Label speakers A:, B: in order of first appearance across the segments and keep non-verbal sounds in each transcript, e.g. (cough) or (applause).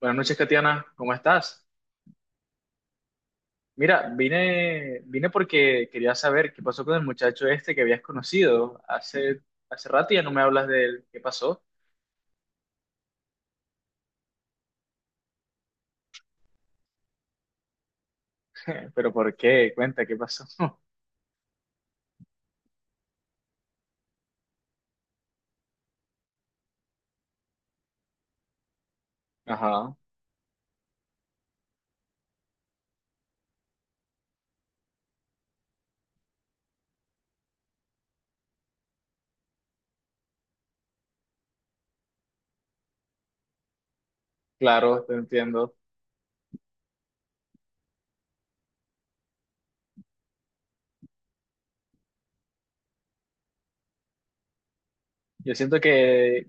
A: Buenas noches, Katiana, ¿cómo estás? Mira, vine porque quería saber qué pasó con el muchacho este que habías conocido hace rato y ya no me hablas de él. ¿Qué pasó? ¿Pero por qué? Cuenta, ¿qué pasó? (laughs) Ajá, claro, te entiendo. Yo siento que,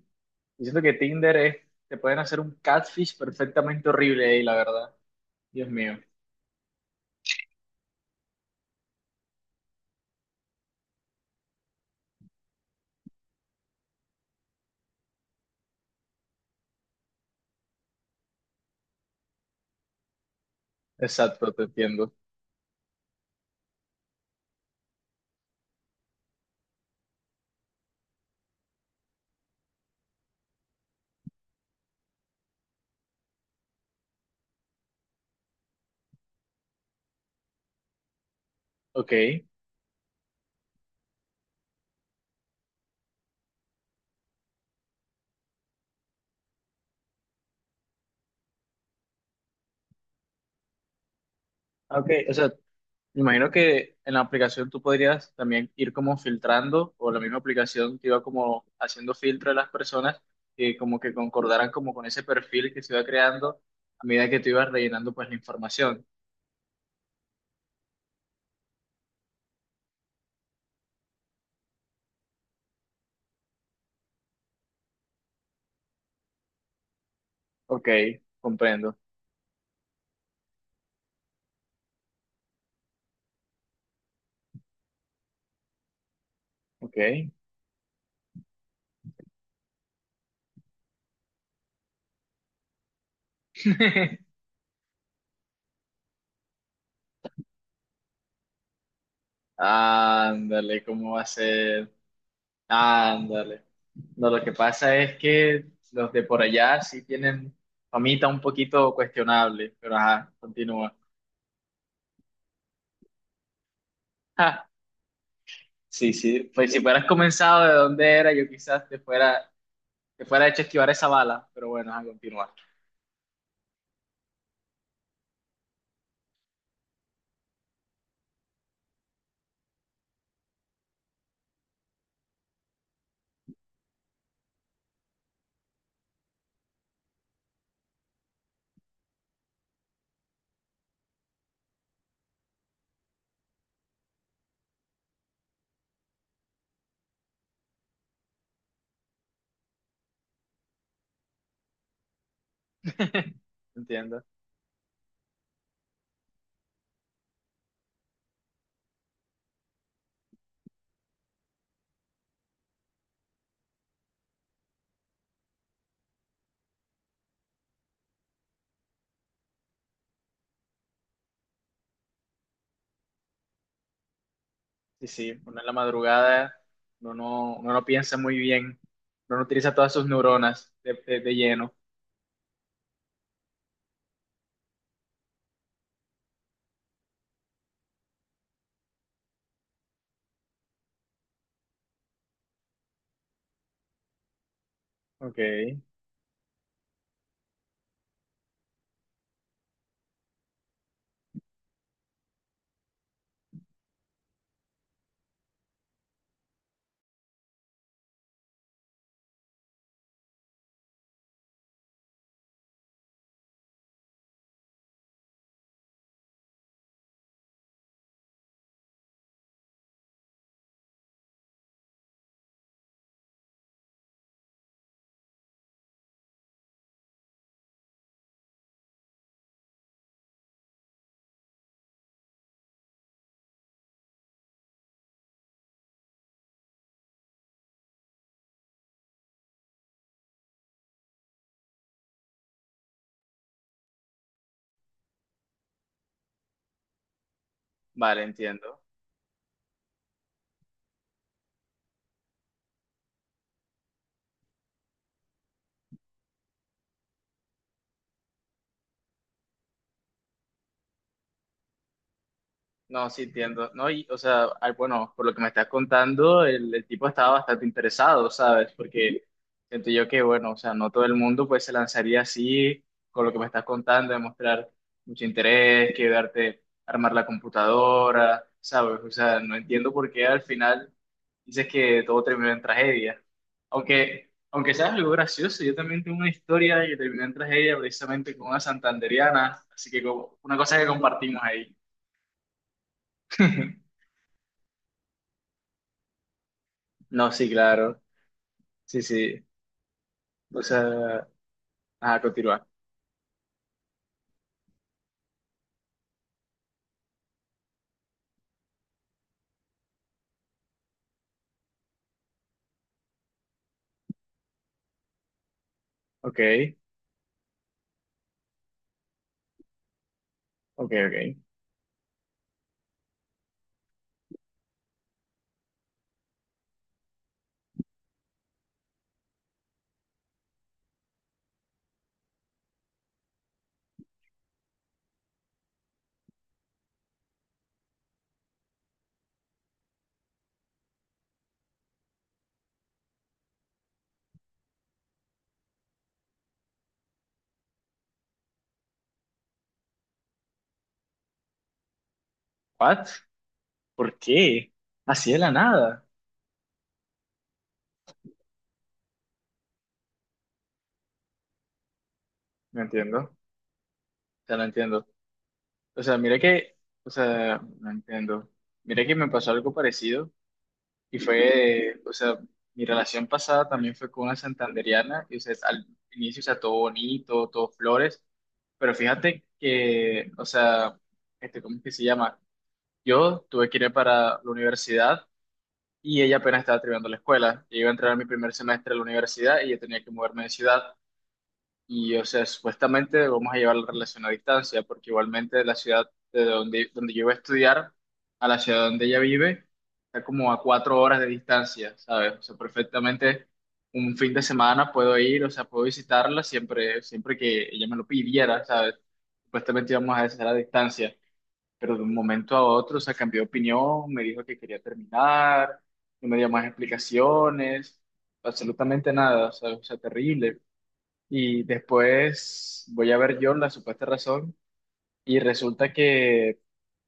A: yo siento que Tinder es, te pueden hacer un catfish perfectamente horrible ahí, la verdad. Dios mío. Exacto, te entiendo. Ok. Ah, ok, o sea, me imagino que en la aplicación tú podrías también ir como filtrando, o la misma aplicación te iba como haciendo filtro de las personas que como que concordaran como con ese perfil que se iba creando a medida que tú ibas rellenando pues la información. Ok, comprendo. Ok. (laughs) Ándale, ¿cómo va a ser? Ándale. No, lo que pasa es que los de por allá sí tienen famita un poquito cuestionable, pero ajá, continúa. (laughs) Sí, sí, pues si fueras comenzado de dónde era, yo quizás te fuera hecho esquivar esa bala, pero bueno, a continuar. (laughs) Entiendo. Sí, sí, uno en la madrugada, uno no piensa muy bien, uno no utiliza todas sus neuronas de lleno. Ok. Vale, entiendo. No, sí entiendo, ¿no? Y, o sea, ay, bueno, por lo que me estás contando, el tipo estaba bastante interesado, ¿sabes? Porque siento yo que, bueno, o sea, no todo el mundo pues se lanzaría así con lo que me estás contando, demostrar mucho interés, quedarte, armar la computadora, ¿sabes? O sea, no entiendo por qué al final dices que todo terminó en tragedia. Aunque, aunque sea algo gracioso, yo también tengo una historia que terminó en tragedia precisamente con una santandereana, así que como- una cosa que compartimos ahí. No, sí, claro. Sí, sí. O sea, ah, continúa. Ok, ok. ¿What? ¿Por qué? Así de la nada. No entiendo. O sea, no entiendo. O sea, mira que, o sea, no entiendo. Mira que me pasó algo parecido y fue, o sea, mi relación pasada también fue con una santandereana y, o sea, al inicio, o sea, todo bonito, todo flores, pero fíjate que, o sea, este, ¿cómo es que se llama? Yo tuve que ir para la universidad y ella apenas estaba terminando la escuela. Yo iba a entrar a mi primer semestre de la universidad y yo tenía que moverme de ciudad. Y, o sea, supuestamente vamos a llevar la relación a distancia, porque igualmente de la ciudad de donde yo iba a estudiar a la ciudad donde ella vive está como a cuatro horas de distancia, ¿sabes? O sea, perfectamente un fin de semana puedo ir, o sea, puedo visitarla siempre, siempre que ella me lo pidiera, ¿sabes? Supuestamente íbamos a hacer a distancia pero de un momento a otro, o sea, cambió de opinión, me dijo que quería terminar, no me dio más explicaciones, absolutamente nada, o sea, terrible. Y después voy a ver yo la supuesta razón y resulta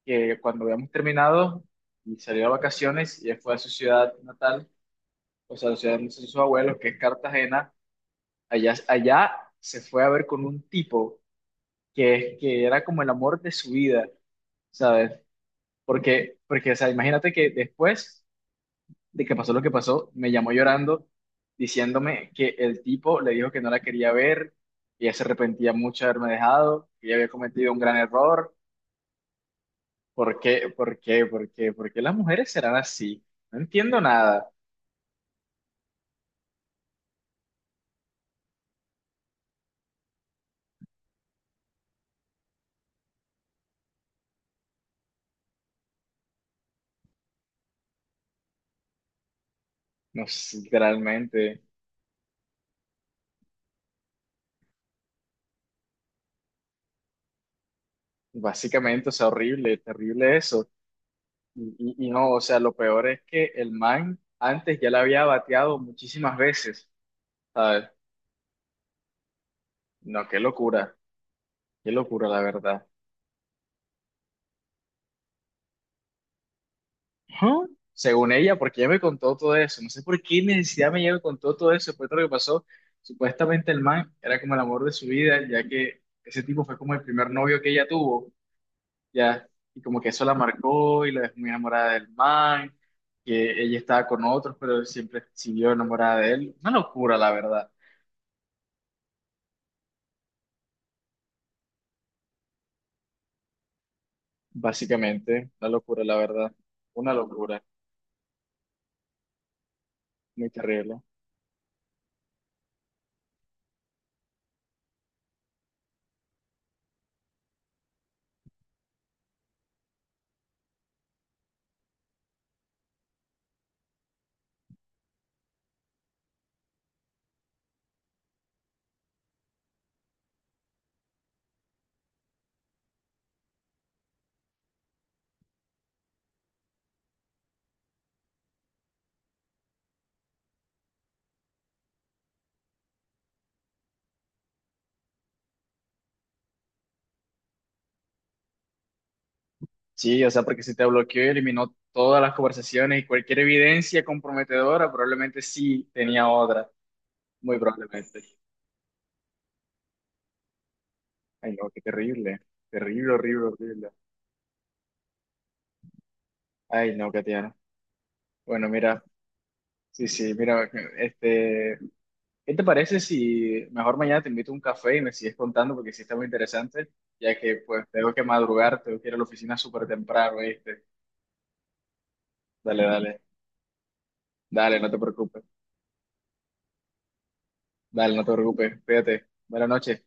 A: que cuando habíamos terminado y salió a vacaciones y él fue a su ciudad natal, o sea, la ciudad de sus abuelos, que es Cartagena, allá se fue a ver con un tipo que era como el amor de su vida. ¿Sabes? Porque, o sea, imagínate que después de que pasó lo que pasó, me llamó llorando diciéndome que el tipo le dijo que no la quería ver, que ella se arrepentía mucho de haberme dejado, que ella había cometido un gran error. ¿Por qué? ¿Por qué? ¿Por qué? ¿Por qué las mujeres serán así? No entiendo nada. No sé, literalmente, básicamente, o sea, horrible, terrible eso. Y, y no, o sea, lo peor es que el man antes ya la había bateado muchísimas veces, ¿sabes? No, qué locura, la verdad. Ajá, según ella, porque ella me contó todo eso. No sé por qué necesidad me llegó con todo, todo eso. Después de lo que pasó, supuestamente el man era como el amor de su vida, ya que ese tipo fue como el primer novio que ella tuvo, ya. Y como que eso la marcó y la dejó muy enamorada del man, que ella estaba con otros, pero siempre siguió enamorada de él. Una locura, la verdad. Básicamente, una locura, la verdad. Una locura. Muy terrible. Sí, o sea, porque si te bloqueó y eliminó todas las conversaciones y cualquier evidencia comprometedora, probablemente sí tenía otra, muy probablemente. Ay, no, qué terrible, terrible, horrible, horrible. Ay, no, Katiana. Bueno, mira, sí, sí, mira, este, ¿qué te parece si mejor mañana te invito a un café y me sigues contando porque sí está muy interesante, ya que pues tengo que madrugar, tengo que ir a la oficina súper temprano, ¿viste? Dale, dale, dale, no te preocupes, dale, no te preocupes, cuídate, buenas noches.